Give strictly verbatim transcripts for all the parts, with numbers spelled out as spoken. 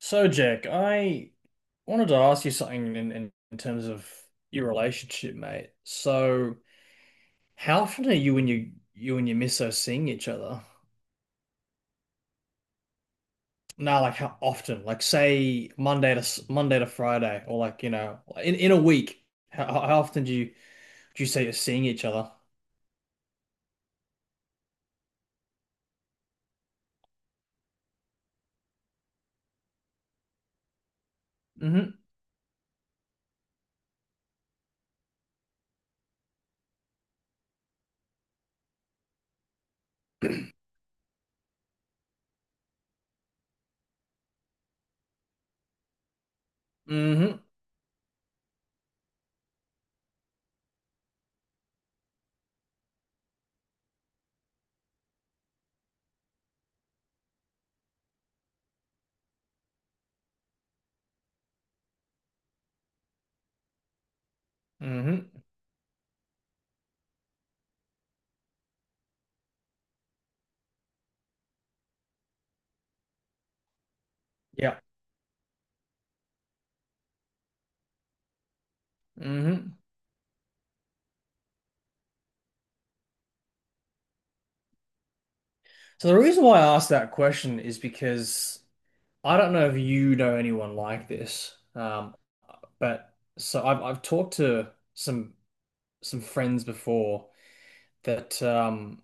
So, Jack, I wanted to ask you something in, in, in terms of your relationship, mate. So, how often are you and you you and your misso seeing each other? No, like how often? Like say Monday to s- Monday to Friday, or like you know, in, in a week. How, how often do you do you say you're seeing each other? Mm-hmm. Mm-hmm. Mm-hmm. Yeah. Mm-hmm. So the reason why I asked that question is because I don't know if you know anyone like this. Um, But so I've I've talked to some some friends before that um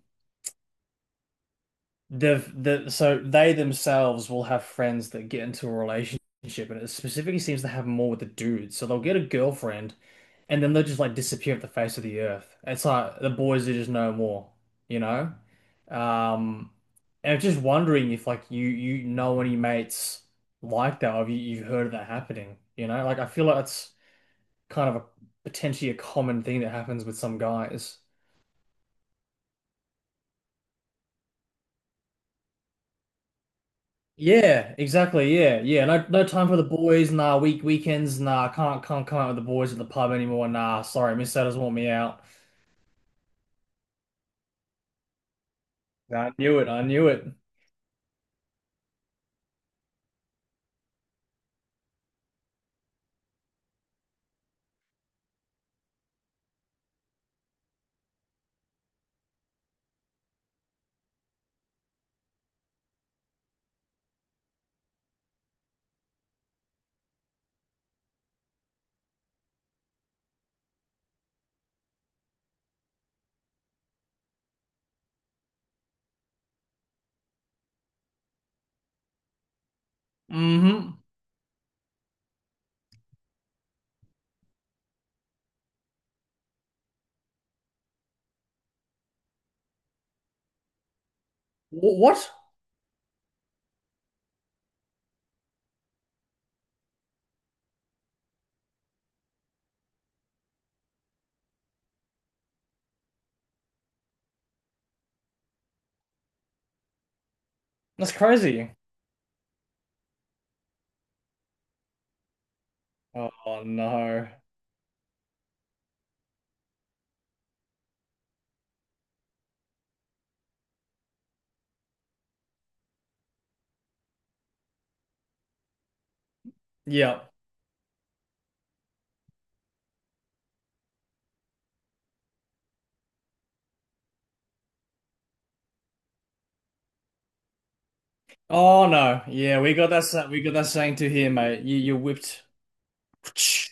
they've the so they themselves will have friends that get into a relationship, and it specifically seems to happen more with the dudes. So they'll get a girlfriend, and then they'll just like disappear off the face of the earth. It's like the boys are just no more, you know? Um and I'm just wondering if like you you know any mates like that, or if you, you've heard of that happening, you know? Like I feel like it's kind of a potentially a common thing that happens with some guys. Yeah, exactly. Yeah, yeah. No, no time for the boys. Nah, week weekends. Nah, can't can't come out with the boys at the pub anymore. Nah, sorry, Miss Satters want me out. I knew it. I knew it. Mm-hmm. Wh- What? That's crazy. Oh no. Yeah. Oh no. Yeah, we got that. sa- We got that saying to here, mate. You you whipped.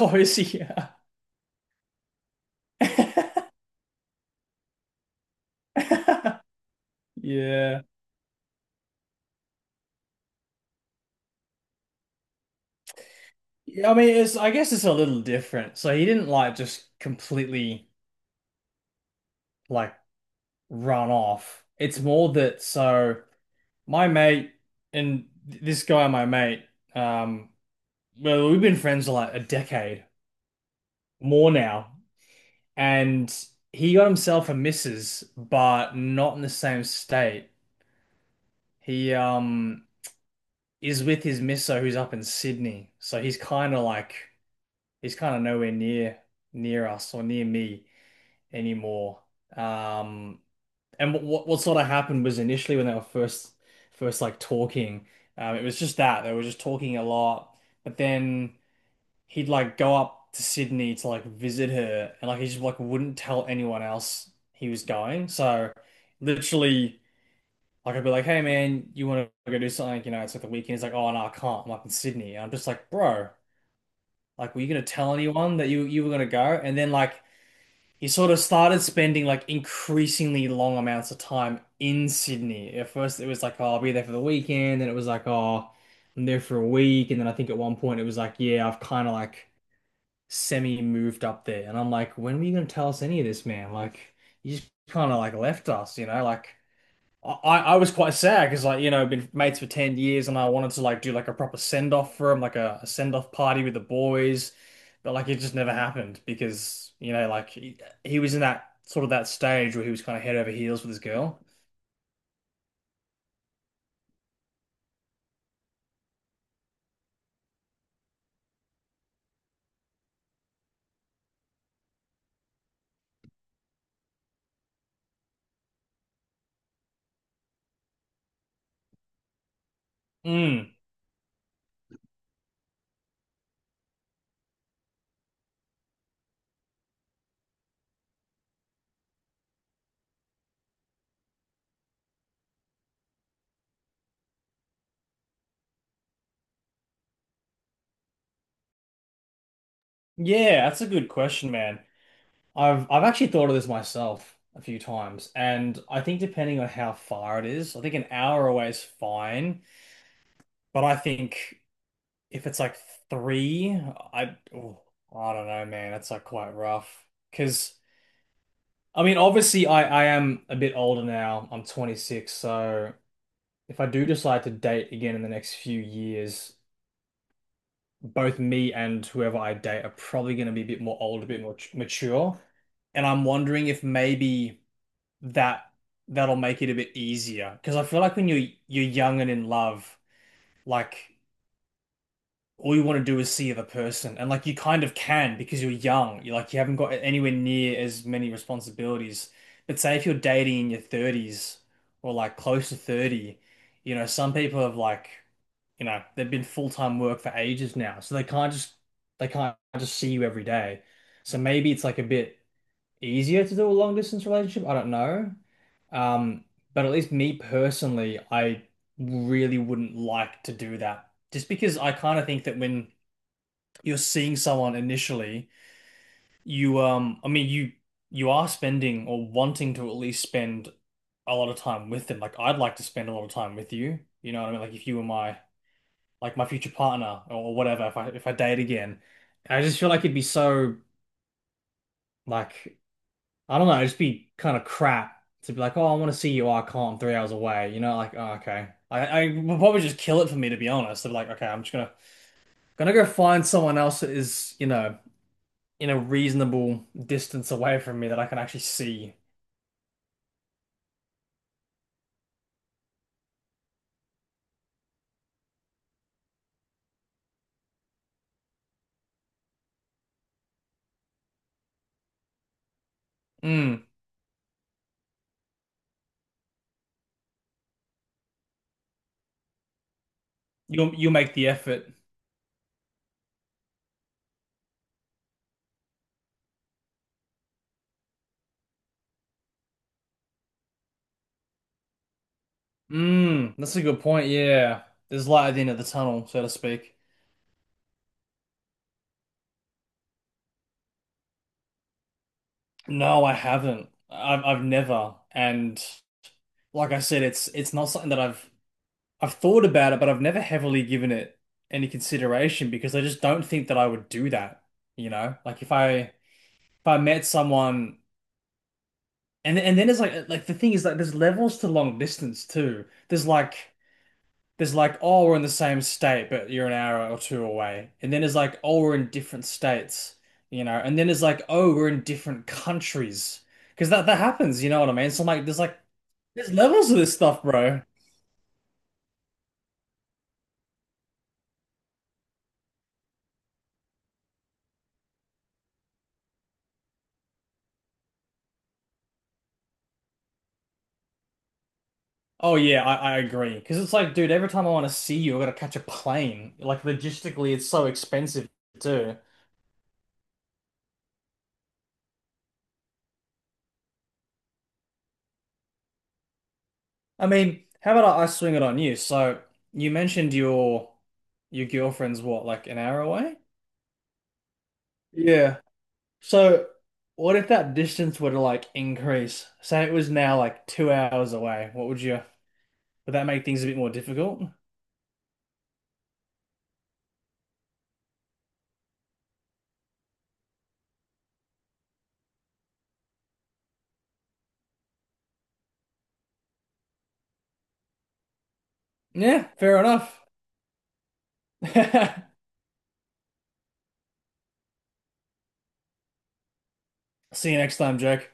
Oh, is he? Yeah. Yeah, I mean, it's I guess it's a little different. So he didn't like just completely like run off. It's more that, so my mate, and this guy, my mate, um, well, we've been friends for like a decade more now, and he got himself a missus, but not in the same state. He um is with his misso who's up in Sydney, so he's kind of like he's kind of nowhere near near us or near me anymore. Um, and what what, sort of happened was initially when they were first first like talking, um, it was just that they were just talking a lot. But then he'd like go up to Sydney to like visit her, and like he just like wouldn't tell anyone else he was going. So literally. Like I'd be like, hey man, you want to go do something? You know, it's like the weekend. He's like, oh no, I can't. I'm up in Sydney. And I'm just like, bro, like, were you gonna tell anyone that you you were gonna go? And then like he sort of started spending like increasingly long amounts of time in Sydney. At first, it was like, oh, I'll be there for the weekend. And it was like, oh, I'm there for a week. And then I think at one point it was like, yeah, I've kind of like semi moved up there. And I'm like, when were you going to tell us any of this, man? Like, you just kind of like left us, you know? Like, I, I was quite sad because, like, you know been mates for ten years, and I wanted to like do like a proper send off for him, like a, a send off party with the boys. But like it just never happened, because you know like he, he was in that sort of that stage where he was kind of head over heels with his girl. Mm, yeah, that's a good question, man. I've I've actually thought of this myself a few times, and I think depending on how far it is, I think an hour away is fine. But I think if it's like three, I oh, I don't know, man. That's like quite rough. Because I mean, obviously, I I am a bit older now. I'm twenty-six, so if I do decide to date again in the next few years, both me and whoever I date are probably going to be a bit more old, a bit more ch- mature. And I'm wondering if maybe that that'll make it a bit easier. Because I feel like when you're you're young and in love, like, all you want to do is see the person. And like you kind of can because you're young. You like you haven't got anywhere near as many responsibilities. But say if you're dating in your thirties, or like close to thirty, you know, some people have, like, you know, they've been full-time work for ages now. So they can't just they can't just see you every day. So maybe it's like a bit easier to do a long distance relationship. I don't know. Um, but at least me personally, I really wouldn't like to do that. Just because I kind of think that when you're seeing someone initially, you um, I mean, you you are spending or wanting to at least spend a lot of time with them. Like I'd like to spend a lot of time with you. You know what I mean? Like if you were my like my future partner or whatever, if I if I date again, I just feel like it'd be so, like, I don't know, it'd just be kind of crap to be like, oh, I want to see you. Oh, I can't. I'm three hours away. You know, like, oh, okay. I, I would probably just kill it for me, to be honest. They'd be like, okay, I'm just gonna gonna go find someone else that is, you know, in a reasonable distance away from me that I can actually see. Mm, you'll you'll make the effort. Mm, that's a good point. Yeah, there's light at the end of the tunnel, so to speak. No, I haven't. I've I've never. And like I said, it's it's not something that I've I've thought about it, but I've never heavily given it any consideration, because I just don't think that I would do that. You know, like if I if I met someone, and and then it's like like the thing is, like, there's levels to long distance too. There's like there's like, oh, we're in the same state, but you're an hour or two away. And then it's like, oh, we're in different states, you know. And then it's like, oh, we're in different countries, because that that happens. You know what I mean? So I'm like, there's like there's levels to this stuff, bro. Oh yeah, I, I agree. Because it's like, dude, every time I want to see you, I gotta catch a plane. Like logistically, it's so expensive too. I mean, how about I, I swing it on you? So you mentioned your your girlfriend's what, like an hour away? Yeah. So what if that distance were to like increase? Say it was now like two hours away. What would you, would that make things a bit more difficult? Yeah, fair enough. See you next time, Jack.